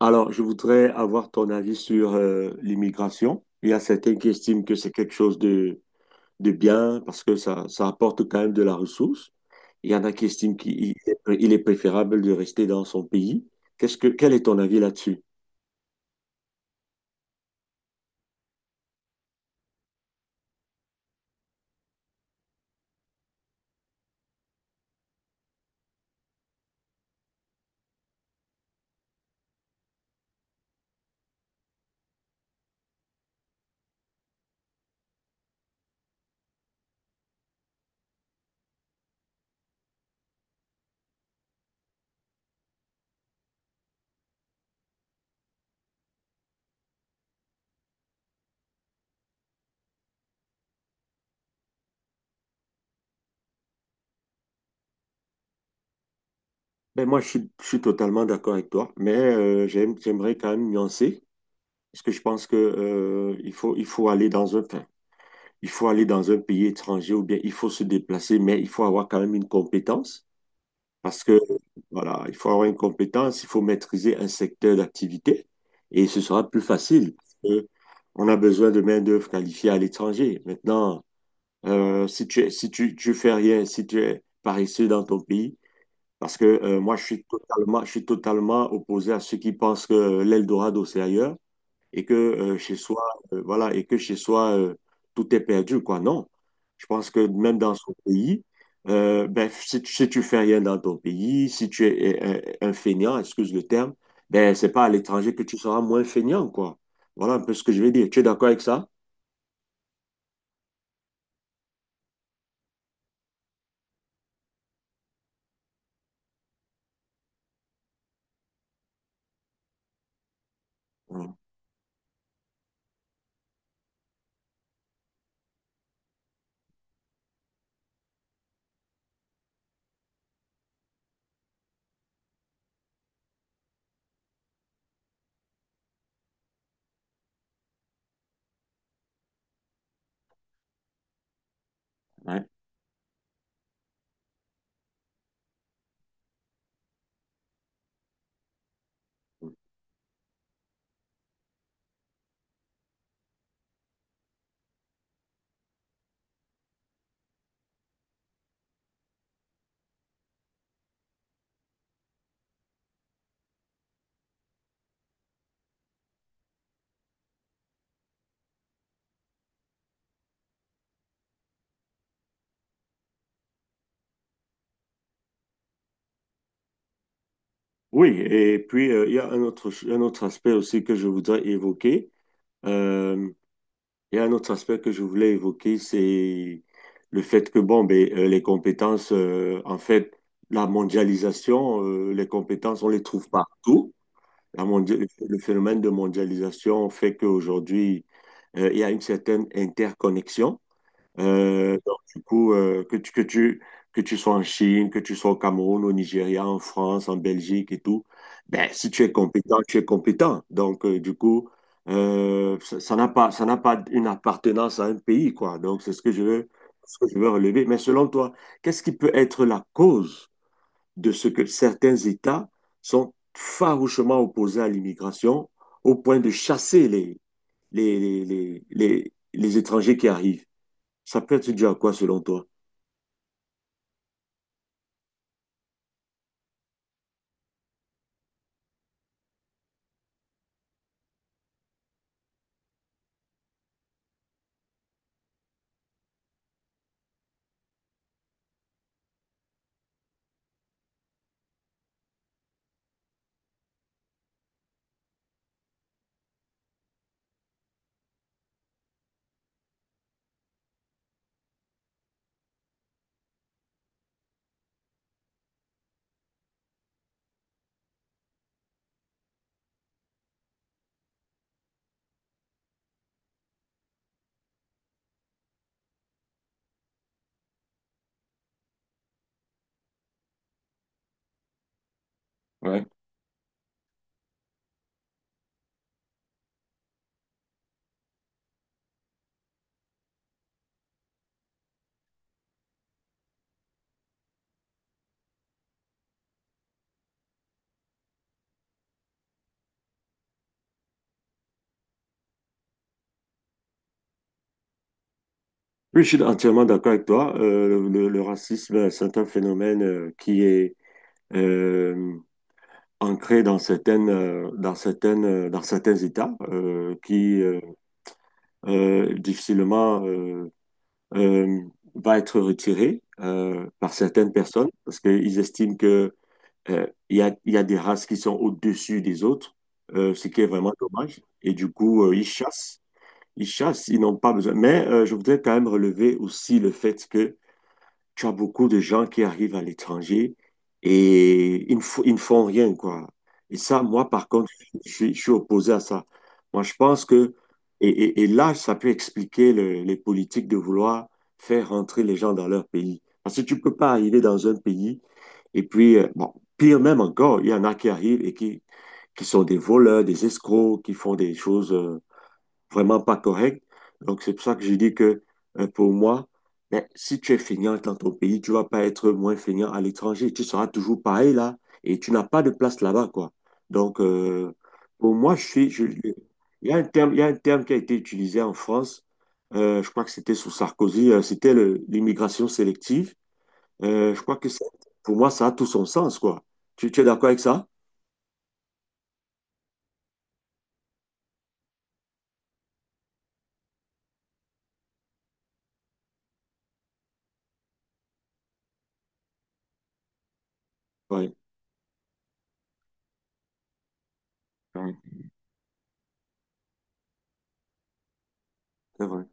Alors, je voudrais avoir ton avis sur l'immigration. Il y a certains qui estiment que c'est quelque chose de bien parce que ça apporte quand même de la ressource. Il y en a qui estiment il est préférable de rester dans son pays. Quel est ton avis là-dessus? Ben moi, je suis totalement d'accord avec toi, mais j'aimerais quand même nuancer parce que je pense que il faut aller dans il faut aller dans un pays étranger ou bien il faut se déplacer, mais il faut avoir quand même une compétence parce que voilà, il faut avoir une compétence, il faut maîtriser un secteur d'activité et ce sera plus facile, parce que on a besoin de main-d'œuvre qualifiée à l'étranger. Maintenant, si tu, si tu, tu fais rien, si tu es paresseux dans ton pays, parce que moi, je suis totalement opposé à ceux qui pensent que l'Eldorado, c'est ailleurs et que chez soi, voilà, et que chez soi, tout est perdu, quoi. Non. Je pense que même dans son pays, ben, si tu fais rien dans ton pays, si tu es feignant, excuse le terme, ben, c'est pas à l'étranger que tu seras moins feignant, quoi. Voilà un peu ce que je veux dire. Tu es d'accord avec ça? Ouais. Ouais. Oui, et puis il y a un autre aspect aussi que je voudrais évoquer. Euh, Il y a un autre aspect que je voulais évoquer, c'est le fait que, bon, ben, les compétences, en fait, la mondialisation, les compétences, on les trouve partout. La mondia- le phénomène de mondialisation fait qu'aujourd'hui, il y a une certaine interconnexion. Donc, du coup, que tu sois en Chine, que tu sois au Cameroun, au Nigeria, en France, en Belgique et tout, ben, si tu es compétent, tu es compétent. Donc, du coup, ça n'a pas une appartenance à un pays, quoi. Donc, c'est ce que je veux, ce que je veux relever. Mais selon toi, qu'est-ce qui peut être la cause de ce que certains États sont farouchement opposés à l'immigration au point de chasser les, les étrangers qui arrivent? Ça peut être dû à quoi selon toi? Ouais. Oui, je suis entièrement d'accord avec toi. Le racisme, c'est un phénomène qui est euh, ancré dans dans certains États, qui difficilement euh, va être retiré par certaines personnes parce qu'ils estiment que il y a des races qui sont au-dessus des autres, ce qui est vraiment dommage. Et du coup, ils chassent. Ils chassent, ils n'ont pas besoin. Mais je voudrais quand même relever aussi le fait que tu as beaucoup de gens qui arrivent à l'étranger et ils ne font rien, quoi. Et ça, moi, par contre, je suis opposé à ça. Moi, je pense que, et là, ça peut expliquer les politiques de vouloir faire rentrer les gens dans leur pays. Parce que tu ne peux pas arriver dans un pays et puis, bon, pire même encore, il y en a qui arrivent qui sont des voleurs, des escrocs, qui font des choses vraiment pas correct. Donc, c'est pour ça que j'ai dit que pour moi, ben, si tu es feignant dans ton pays, tu ne vas pas être moins feignant à l'étranger. Tu seras toujours pareil là et tu n'as pas de place là-bas, quoi. Donc, pour moi, il y a un terme qui a été utilisé en France, je crois que c'était sous Sarkozy, c'était l'immigration sélective. Je crois que pour moi, ça a tout son sens, quoi. Tu es d'accord avec ça? Oui, oui, c'est vrai.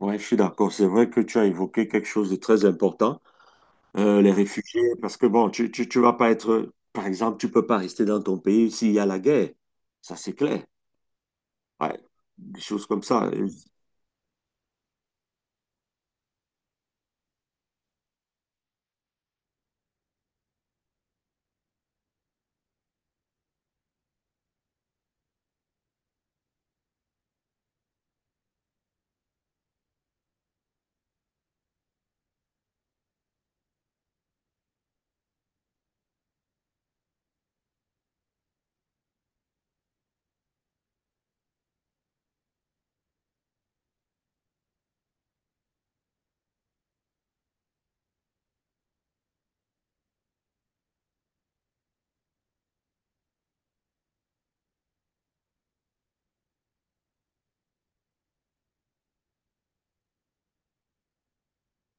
Ouais, je suis d'accord. C'est vrai que tu as évoqué quelque chose de très important, les réfugiés, parce que bon, tu vas pas être, par exemple, tu peux pas rester dans ton pays s'il y a la guerre. Ça, c'est clair. Ouais, des choses comme ça,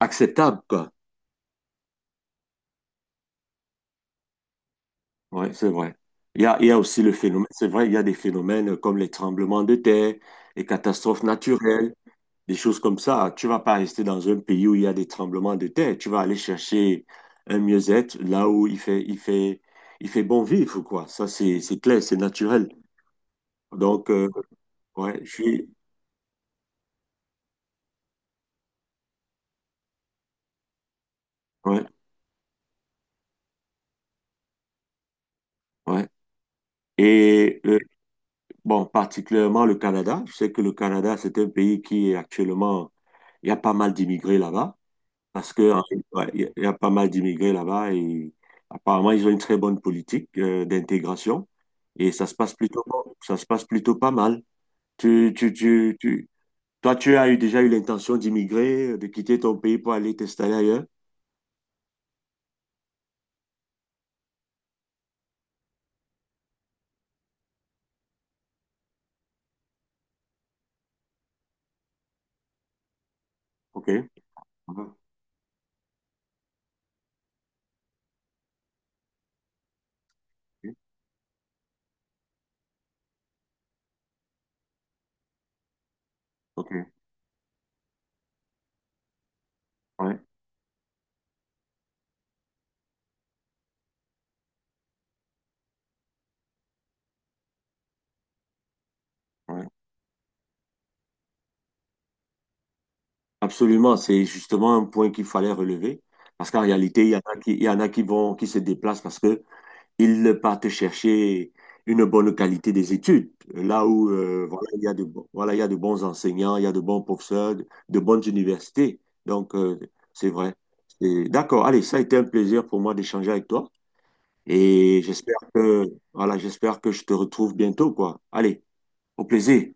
acceptables, quoi. Ouais, c'est vrai. Il y a aussi le phénomène, c'est vrai, il y a des phénomènes comme les tremblements de terre, les catastrophes naturelles, des choses comme ça. Tu vas pas rester dans un pays où il y a des tremblements de terre. Tu vas aller chercher un mieux-être là où il fait bon vivre, quoi. Ça, c'est clair, c'est naturel. Donc, ouais, ouais, ouais. Et bon, particulièrement le Canada. Je sais que le Canada, c'est un pays qui est actuellement, il y a pas mal d'immigrés là-bas. Parce que, hein, ouais, il y a pas mal d'immigrés là-bas et apparemment, ils ont une très bonne politique d'intégration et ça se passe ça se passe plutôt pas mal. Tu, tu, tu, tu, toi, déjà eu l'intention d'immigrer, de quitter ton pays pour aller t'installer ailleurs? OK. Mhm. OK. Ok. Ouais. Ouais. Absolument. C'est justement un point qu'il fallait relever parce qu'en réalité, il y en a qui vont, qui se déplacent parce que ils partent chercher une bonne qualité des études. Là où il y a il y a de bons enseignants, il y a de bons professeurs, de bonnes universités. Donc, c'est vrai. D'accord. Allez, ça a été un plaisir pour moi d'échanger avec toi. Et j'espère que, voilà, j'espère que je te retrouve bientôt, quoi. Allez, au plaisir.